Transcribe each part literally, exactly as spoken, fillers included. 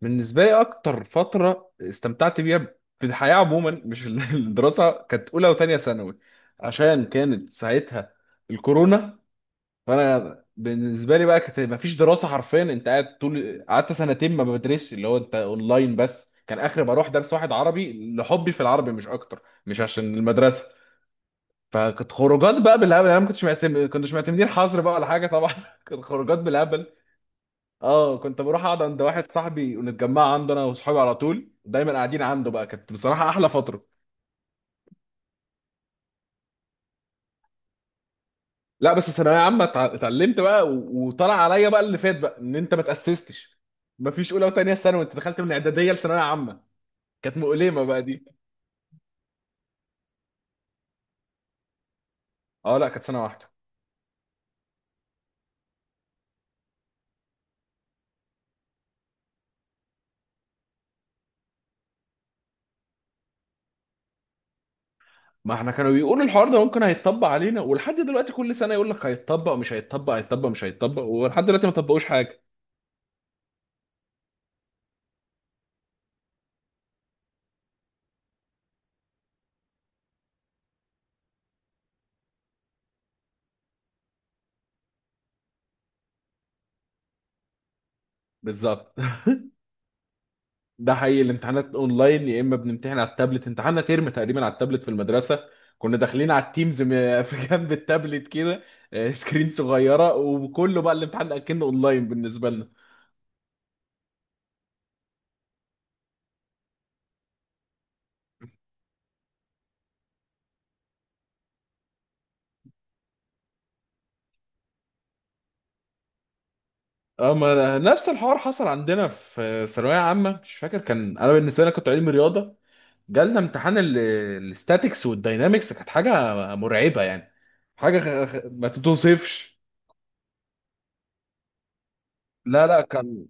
بالنسبة لي أكتر فترة استمتعت بيها في الحياة عموما، مش ال- الدراسة، كانت أولى وتانية ثانوي، عشان كانت ساعتها الكورونا. فأنا بالنسبة لي بقى كانت مفيش دراسة حرفيا، أنت قاعد طول، قعدت سنتين ما بدرسش، اللي هو أنت أونلاين بس، كان آخر بروح درس واحد عربي لحبي في العربي مش أكتر، مش عشان المدرسة. فكانت خروجات بقى بالهبل، أنا ما كنتش معتمد، كنتش معتمدين حظر بقى ولا حاجة طبعا. كانت خروجات بالهبل. اه، كنت بروح اقعد عند واحد صاحبي ونتجمع عنده انا وصحابي، على طول دايما قاعدين عنده بقى. كانت بصراحه احلى فتره. لا، بس الثانويه عامه اتع- اتعلمت بقى و- وطلع عليا بقى اللي فات بقى، ان انت ما تاسستش، ما فيش اولى وثانيه ثانوي، انت دخلت من اعداديه لثانويه عامه. كانت مؤلمه بقى دي. اه، لا كانت سنه واحده. ما احنا كانوا بيقولوا الحوار ده ممكن هيتطبق علينا، ولحد دلوقتي كل سنه يقول لك هيتطبق مش هيتطبق، هيتطبق مش هيتطبق، ولحد دلوقتي ما طبقوش حاجه. بالظبط. ده حقيقي، الامتحانات اونلاين، يا اما بنمتحن على التابلت، امتحاننا ترم تقريبا على التابلت في المدرسه. كنا داخلين على التيمز م- في جنب التابلت كده. آه، سكرين صغيره، وكله بقى الامتحان اكنه اونلاين بالنسبه لنا. اما نفس الحوار حصل عندنا في ثانويه عامه، مش فاكر كان، انا بالنسبه لي كنت علمي رياضه، جالنا امتحان الاستاتيكس والداينامكس، كانت حاجه مرعبه يعني، حاجه خ- خ- ما تتوصفش. لا لا، كان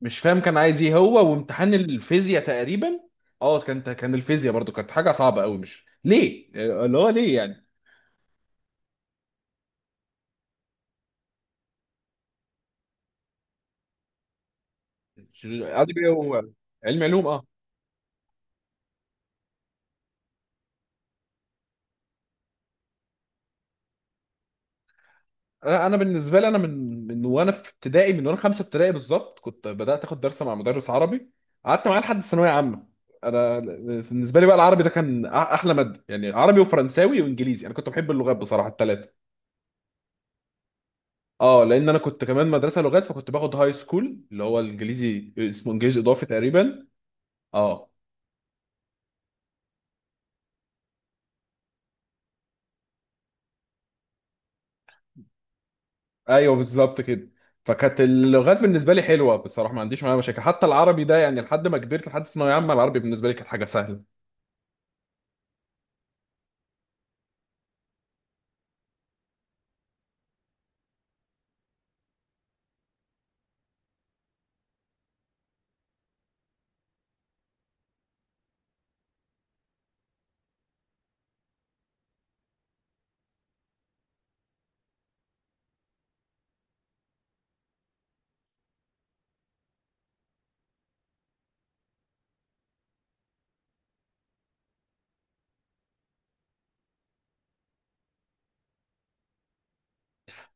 مش فاهم كان عايز ايه هو، وامتحان الفيزياء تقريبا. اه كانت، كان الفيزياء برضو كانت حاجه صعبه قوي، مش ليه؟ آه، اللي هو ليه يعني. ادبي هو علم علوم، اه. انا انا بالنسبه لي، انا من من وانا في ابتدائي، من وانا خمسه ابتدائي بالظبط كنت بدات اخد درس مع مدرس عربي، قعدت معاه لحد الثانويه عامه. انا بالنسبه لي بقى العربي ده كان أح- احلى ماده، يعني عربي وفرنساوي وانجليزي، انا كنت بحب اللغات بصراحه الثلاثه. اه، لان انا كنت كمان مدرسه لغات، فكنت باخد هاي سكول اللي هو الانجليزي، اسمه انجليزي اضافي تقريبا. اه، ايوه بالظبط كده. فكانت اللغات بالنسبه لي حلوه بصراحه، ما عنديش معاها مشاكل، حتى العربي ده يعني لحد ما كبرت، لحد ثانويه عامه العربي بالنسبه لي كانت حاجه سهله.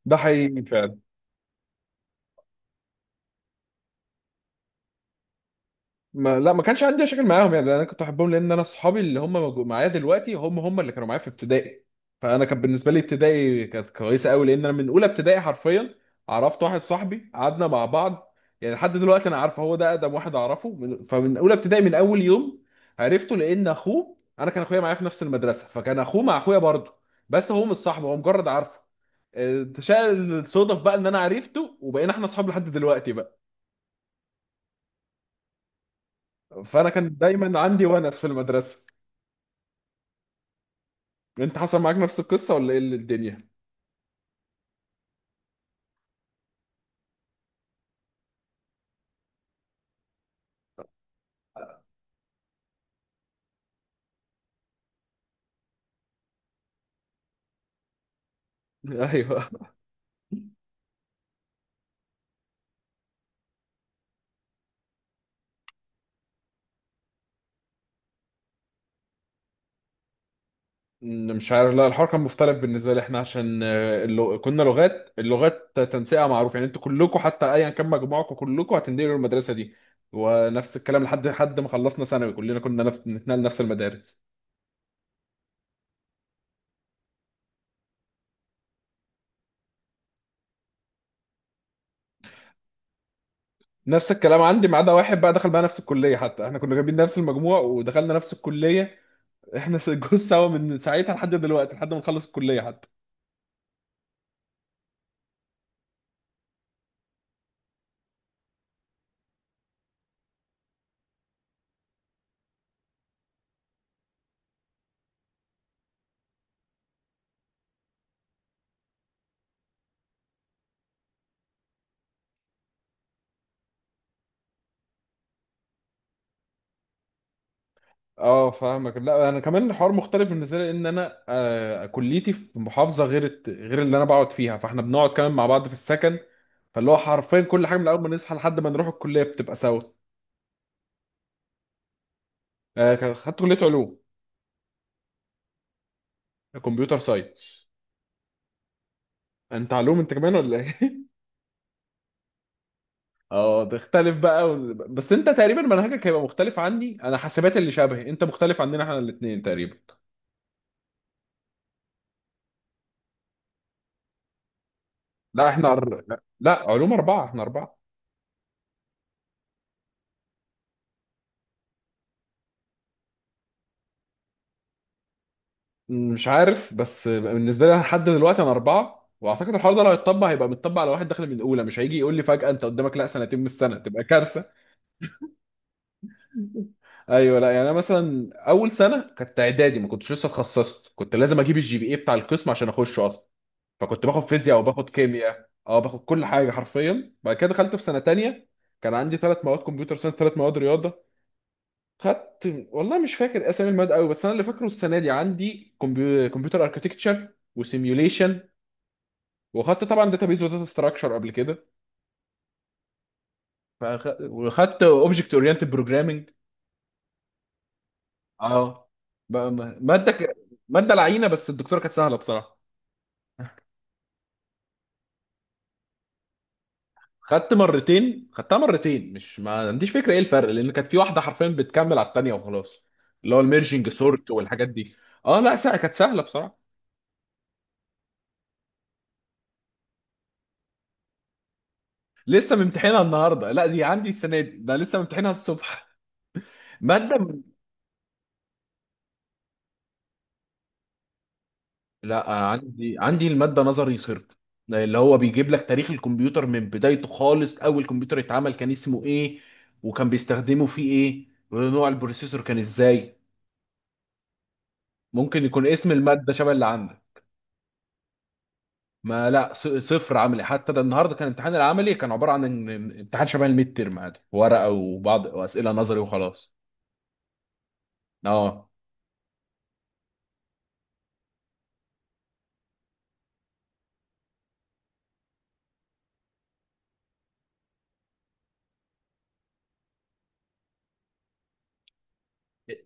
ده حقيقي فعلا. ما لا، ما كانش عندي مشاكل معاهم يعني، انا كنت بحبهم، لان انا صحابي اللي هم موجو- معايا دلوقتي، هم هم اللي كانوا معايا في ابتدائي. فانا كان بالنسبه لي ابتدائي كانت كويسه قوي، لان انا من اولى ابتدائي حرفيا عرفت واحد صاحبي قعدنا مع بعض، يعني لحد دلوقتي انا عارفه هو ده اقدم واحد اعرفه من- فمن اولى ابتدائي من اول يوم عرفته، لان اخوه انا كان اخويا معايا في نفس المدرسه، فكان اخوه مع اخويا برضه، بس هو مش صاحبه، هو مجرد عارفه. آه، شاء الصدف بقى ان انا عرفته وبقينا احنا اصحاب لحد دلوقتي بقى. فانا كان دايما عندي ونس في المدرسه. انت حصل معاك نفس القصه ولا ايه اللي الدنيا؟ ايوه. م- مش عارف، لا الحوار كان مختلف بالنسبه لي، احنا عشان آه، اللو... كنا لغات، اللغات تنسيقها معروف يعني، انتوا كلكم حتى ايا كان مجموعكم كلكم هتنقلوا المدرسه دي. ونفس الكلام لحد حد ما خلصنا ثانوي كلنا كنا نف... نتنقل نفس المدارس. نفس الكلام عندي، ما عدا واحد بقى دخل بقى نفس الكليه، حتى احنا كنا جايبين نفس المجموع ودخلنا نفس الكليه. احنا جوز سوا من ساعتها لحد دلوقتي، لحد ما نخلص الكليه حتى. اه فاهمك. لا انا كمان الحوار مختلف بالنسبه لي، ان انا آه كليتي في محافظه غير الت- غير اللي انا بقعد فيها، فاحنا بنقعد كمان مع بعض في السكن. فاللي هو حرفيا كل حاجه من اول ما نصحى لحد ما نروح الكليه بتبقى سوا. آه كان- خدت كليه علوم. كمبيوتر ساينس. انت علوم انت كمان ولا ايه؟ اه تختلف بقى، وال- بس انت تقريبا منهجك هيبقى مختلف عني، انا حاسبات اللي شبهي، انت مختلف عننا احنا الاثنين تقريبا. لا احنا أر... لا، علوم اربعه، احنا اربعه. مش عارف، بس بالنسبه لي أنا لحد دلوقتي انا اربعه، واعتقد الحوار ده لو هيتطبق هيبقى متطبق على واحد داخل من الاولى، مش هيجي يقول لي فجاه انت قدامك لا سنتين من السنه، تبقى كارثه. ايوه لا، يعني انا مثلا اول سنه كانت اعدادي ما كنتش لسه اتخصصت، كنت لازم اجيب الجي بي اي بتاع القسم عشان اخشه اصلا. فكنت باخد فيزياء وباخد كيمياء، اه باخد كل حاجه حرفيا. بعد كده دخلت في سنه تانية، كان عندي ثلاث مواد كمبيوتر ساينس، ثلاث مواد رياضه. خدت والله مش فاكر اسامي المواد قوي، بس انا اللي فاكره السنه دي عندي كمبيو- كمبيوتر اركتكتشر، وسيميوليشن. وخدت طبعا داتابيز وداتا ستراكشر قبل كده. فأخ... وخدت اوبجكت اورينتد بروجرامنج. اه، ماده ك- ماده لعينه بس الدكتوره كانت سهله بصراحه. خدت مرتين، خدتها مرتين، مش ما عنديش فكره ايه الفرق، لان كانت في واحده حرفيا بتكمل على التانيه وخلاص. اللي هو الميرجنج سورت والحاجات دي. اه لا سهل، كانت سهله بصراحه. لسه ممتحنها النهارده، لا دي عندي السنه دي، ده لسه ممتحنها الصبح. ماده لا، آه، عندي عندي المادة نظري صرف، اللي هو بيجيب لك تاريخ الكمبيوتر من بدايته خالص، أول كمبيوتر اتعمل كان اسمه إيه، وكان بيستخدمه فيه إيه، ونوع البروسيسور كان إزاي. ممكن يكون اسم المادة شبه اللي عندك. ما لا، ص- صفر عملي، حتى ده النهارده كان الامتحان العملي، كان عبارة عن إن- امتحان شبه الميد تيرم عادي، ورقة وبعض وأسئلة نظري وخلاص. اه،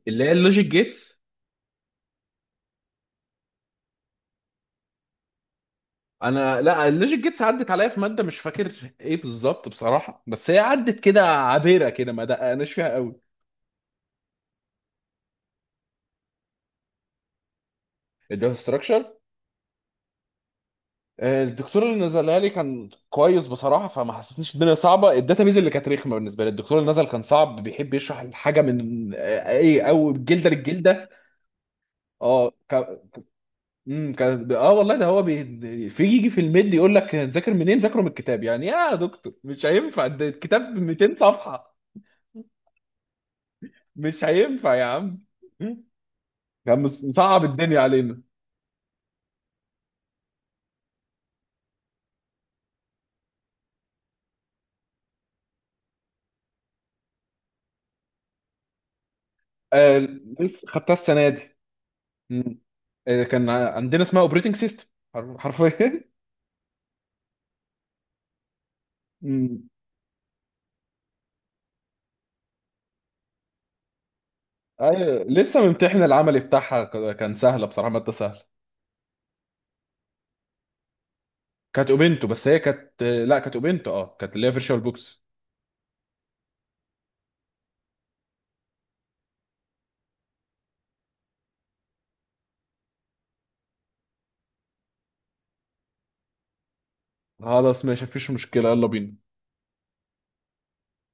اللي هي اللوجيك جيتس. انا لا، اللوجيك جيتس عدت عليا في ماده مش فاكر ايه بالظبط بصراحه، بس هي عدت كده عابره كده، ما دققناش فيها قوي. الداتا ستراكشر، الدكتور اللي نزلها لي كان كويس بصراحه، فما حسسنيش الدنيا صعبه. الداتابيز اللي كانت رخمه بالنسبه لي، الدكتور اللي نزل كان صعب، بيحب يشرح الحاجه من آه، ايه او جلده للجلده. اه ك... مم، كان اه والله، ده هو بي... في يجي في الميد يقول لك ذاكر منين، ذاكره من الكتاب. يعني يا دكتور مش هينفع، ده الكتاب مئتين صفحه. مش هينفع يا عم. كان مس- مصعب الدنيا علينا. آه لسه خدتها السنه دي. مم. آه كان ع- عندنا اسمها اوبريتنج سيستم حرفيا. مم. ايوه، لسه ممتحن العملي بتاعها، ك- كان سهله بصراحه، ماده سهله. كانت اوبنتو، بس هي كانت آه، لا كانت اوبنتو، اه كانت اللي هي فيرتشوال بوكس. خلاص ماشي، مفيش مشكله، يلا بينا.